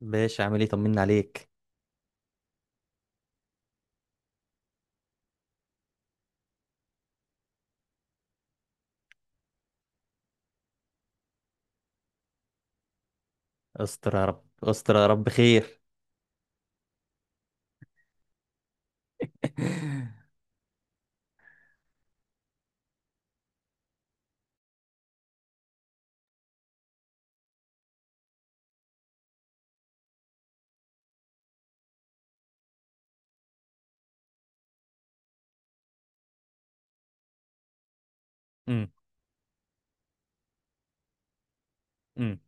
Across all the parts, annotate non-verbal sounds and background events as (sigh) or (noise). باشا عامل ايه؟ طمنا عليك. استر يا رب، استر يا رب خير. (laughs) امم.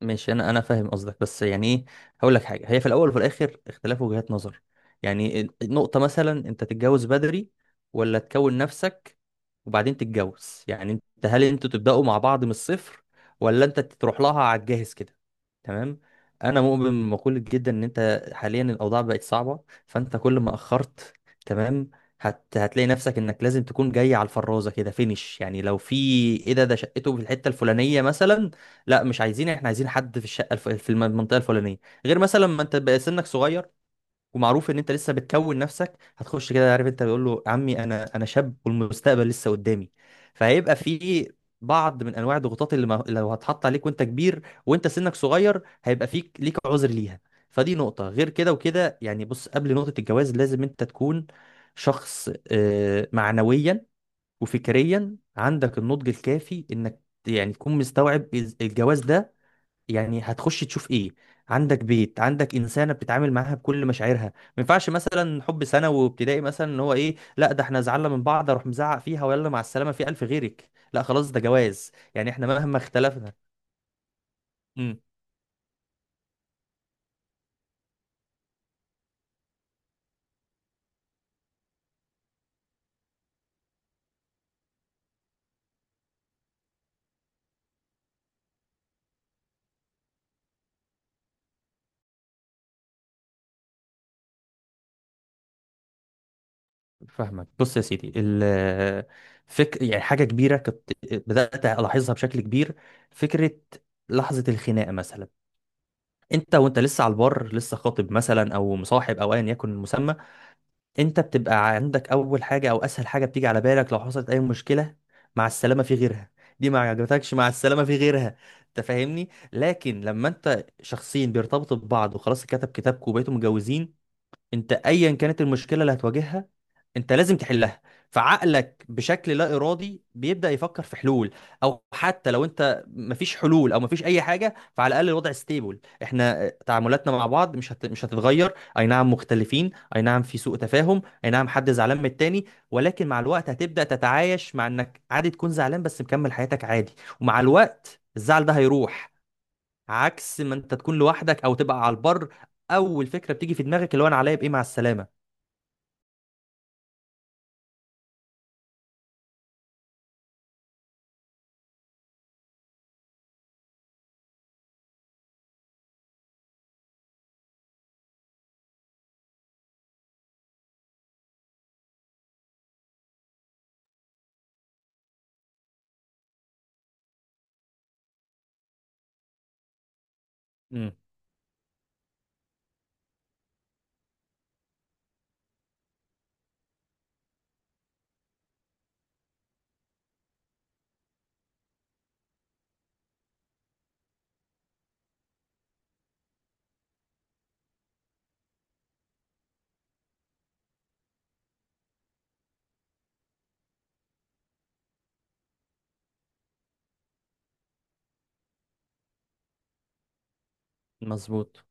ماشي، انا فاهم قصدك، بس يعني ايه؟ هقول لك حاجه، هي في الاول وفي الاخر اختلاف وجهات نظر. يعني النقطه مثلا انت تتجوز بدري، ولا تكون نفسك وبعدين تتجوز؟ يعني انت، هل انتوا تبداوا مع بعض من الصفر، ولا انت تروح لها على الجاهز كده؟ تمام. انا مؤمن بمقوله جدا ان انت حاليا الاوضاع بقت صعبه، فانت كل ما اخرت، تمام، هتلاقي نفسك انك لازم تكون جاي على الفرازه كده فينش. يعني لو في ايه، ده شقته في الحته الفلانيه مثلا، لا مش عايزين، احنا عايزين حد في الشقه المنطقه الفلانيه. غير مثلا ما انت بقى سنك صغير، ومعروف ان انت لسه بتكون نفسك. هتخش كده، عارف، انت بيقول له عمي، انا شاب والمستقبل لسه قدامي، فهيبقى في بعض من انواع الضغوطات اللي ما... لو هتحط عليك وانت كبير وانت سنك صغير هيبقى فيك ليك عذر ليها. فدي نقطه، غير كده وكده، يعني بص، قبل نقطه الجواز لازم انت تكون شخص، معنويا وفكريا عندك النضج الكافي، انك يعني تكون مستوعب الجواز ده. يعني هتخش تشوف ايه؟ عندك بيت، عندك انسانه بتتعامل معاها بكل مشاعرها، ما ينفعش مثلا حب ثانوي وابتدائي، مثلا ان هو ايه، لا ده احنا زعلنا من بعض اروح مزعق فيها ويلا مع السلامه في الف غيرك، لا خلاص ده جواز، يعني احنا مهما اختلفنا. امم. فاهمك. بص يا سيدي، يعني حاجه كبيره كنت بدات الاحظها بشكل كبير. فكره لحظه الخناقه مثلا، انت وانت لسه على البر، لسه خاطب مثلا او مصاحب او ايا يكن المسمى، انت بتبقى عندك اول حاجه او اسهل حاجه بتيجي على بالك لو حصلت اي مشكله، مع السلامه في غيرها، دي ما عجبتكش، مع السلامه في غيرها، انت فاهمني. لكن لما انت شخصين بيرتبطوا ببعض وخلاص كتب كتابكم وبقيتوا متجوزين، انت ايا كانت المشكله اللي هتواجهها، انت لازم تحلها، فعقلك بشكل لا ارادي بيبدا يفكر في حلول. او حتى لو انت مفيش حلول او مفيش اي حاجه، فعلى الاقل الوضع ستيبل، احنا تعاملاتنا مع بعض مش هتتغير. اي نعم مختلفين، اي نعم في سوء تفاهم، اي نعم حد زعلان من التاني، ولكن مع الوقت هتبدا تتعايش مع انك عادي تكون زعلان بس مكمل حياتك عادي، ومع الوقت الزعل ده هيروح. عكس ما انت تكون لوحدك او تبقى على البر، اول فكره بتيجي في دماغك اللي هو انا عليا بايه، مع السلامه. امم. مظبوط.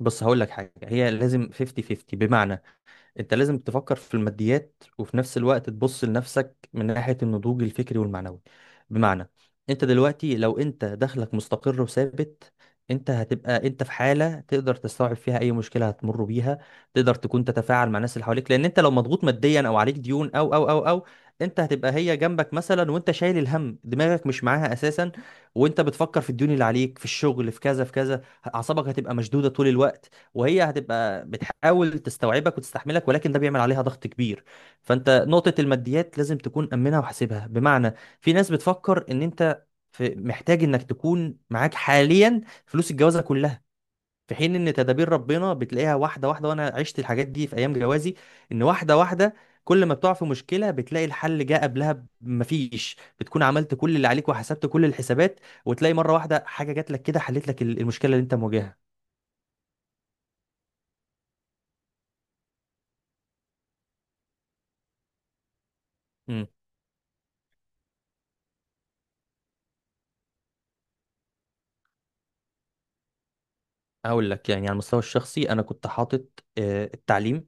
بص هقول لك حاجه، هي لازم 50 50، بمعنى انت لازم تفكر في الماديات وفي نفس الوقت تبص لنفسك من ناحية النضوج الفكري والمعنوي. بمعنى، انت دلوقتي لو انت دخلك مستقر وثابت، انت هتبقى انت في حالة تقدر تستوعب فيها اي مشكلة هتمر بيها. تقدر تكون تتفاعل مع الناس اللي حواليك، لان انت لو مضغوط ماديا او عليك ديون او، انت هتبقى هي جنبك مثلا وانت شايل الهم دماغك مش معاها اساسا، وانت بتفكر في الديون اللي عليك في الشغل، في كذا في كذا، اعصابك هتبقى مشدودة طول الوقت. وهي هتبقى بتحاول تستوعبك وتستحملك، ولكن ده بيعمل عليها ضغط كبير. فانت نقطة الماديات لازم تكون أمنها وحاسبها. بمعنى، في ناس بتفكر ان انت في محتاج انك تكون معاك حاليا فلوس الجوازة كلها، في حين ان تدابير ربنا بتلاقيها واحدة واحدة. وانا عشت الحاجات دي في ايام جوازي، ان واحدة واحدة كل ما بتقع في مشكلة بتلاقي الحل جه قبلها، مفيش، بتكون عملت كل اللي عليك وحسبت كل الحسابات، وتلاقي مرة واحدة حاجة جات لك كده حلت لك المشكلة اللي انت مواجهها. إمم. هقول لك يعني على المستوى الشخصي، انا كنت حاطط التعليم.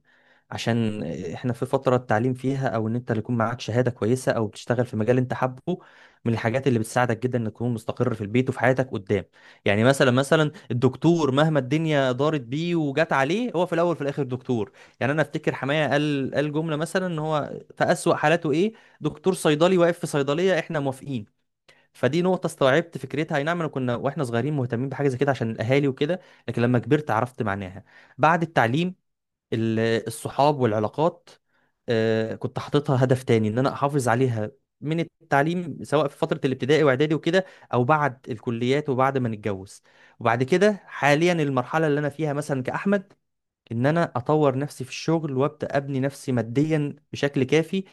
عشان احنا في فترة التعليم فيها، او ان انت اللي يكون معاك شهادة كويسة او بتشتغل في مجال انت حابه، من الحاجات اللي بتساعدك جدا انك تكون مستقر في البيت وفي حياتك قدام. يعني مثلا الدكتور مهما الدنيا دارت بيه وجت عليه، هو في الاول وفي الاخر دكتور. يعني انا افتكر حماية قال جملة مثلا ان هو في اسوأ حالاته ايه، دكتور صيدلي واقف في صيدلية، احنا موافقين. فدي نقطة استوعبت فكرتها، اي نعم انا كنا واحنا صغيرين مهتمين بحاجة زي كده عشان الاهالي وكده، لكن لما كبرت عرفت معناها. بعد التعليم، ال- الصحاب والعلاقات، كنت حاططها هدف تاني ان انا احافظ عليها، من التعليم سواء في فترة الابتدائي واعدادي وكده، او بعد الكليات وبعد ما نتجوز. وبعد كده حاليا المرحلة اللي انا فيها مثلا كأحمد، ان انا اطور نفسي في الشغل وابدا ابني نفسي ماديا بشكل كافي،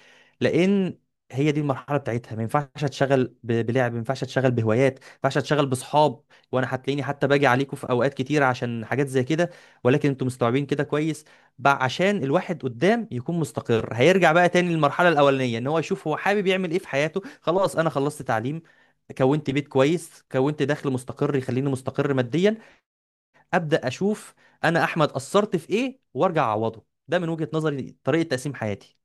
لان هي دي المرحله بتاعتها، ما ينفعش اتشغل بلعب، ما ينفعش اتشغل بهوايات، ما ينفعش اتشغل باصحاب. وانا هتلاقيني حتى باجي عليكم في اوقات كتير عشان حاجات زي كده، ولكن انتم مستوعبين كده كويس. بقى عشان الواحد قدام يكون مستقر، هيرجع بقى تاني للمرحله الاولانيه، ان هو يشوف هو حابب يعمل ايه في حياته. خلاص، انا خلصت تعليم، كونت بيت كويس، كونت دخل مستقر يخليني مستقر ماديا، ابدا اشوف انا احمد قصرت في ايه وارجع اعوضه. ده من وجهة نظري طريقة تقسيم حياتي.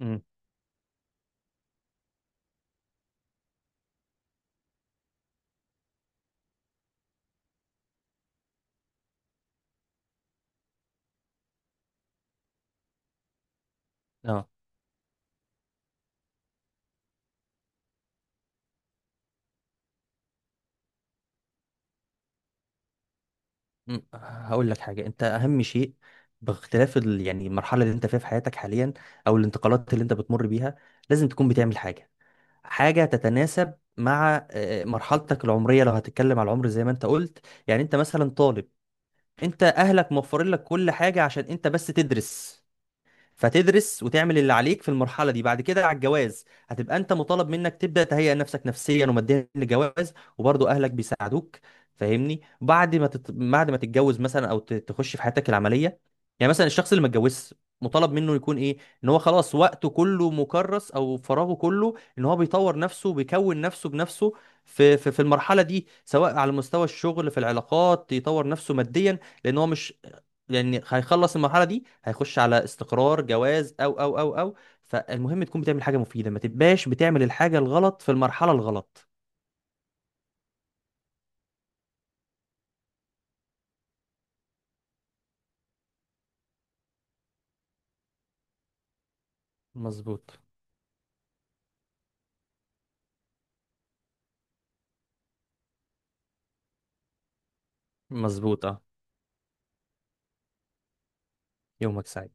امم. اه. مم. هقول لك حاجة، انت اهم شيء باختلاف يعني المرحلة اللي انت فيها في حياتك حاليا، او الانتقالات اللي انت بتمر بيها، لازم تكون بتعمل حاجة، حاجة تتناسب مع مرحلتك العمرية. لو هتتكلم على العمر زي ما انت قلت، يعني انت مثلا طالب، انت اهلك موفرين لك كل حاجة عشان انت بس تدرس، فتدرس وتعمل اللي عليك في المرحله دي. بعد كده على الجواز هتبقى انت مطالب منك تبدا تهيئ نفسك نفسيا وماديا للجواز، وبرضه اهلك بيساعدوك، فاهمني. بعد ما تتجوز مثلا، او تخش في حياتك العمليه، يعني مثلا الشخص اللي ما اتجوزش، مطالب منه يكون ايه؟ ان هو خلاص وقته كله مكرس، او فراغه كله ان هو بيطور نفسه، بيكون نفسه بنفسه في المرحله دي، سواء على مستوى الشغل في العلاقات، يطور نفسه ماديا. لان هو مش، لان هيخلص المرحله دي هيخش على استقرار جواز او. فالمهم تكون بتعمل حاجه مفيده، ما تبقاش بتعمل الحاجه الغلط في المرحله الغلط. مظبوط. مظبوط اه. يومك سعيد.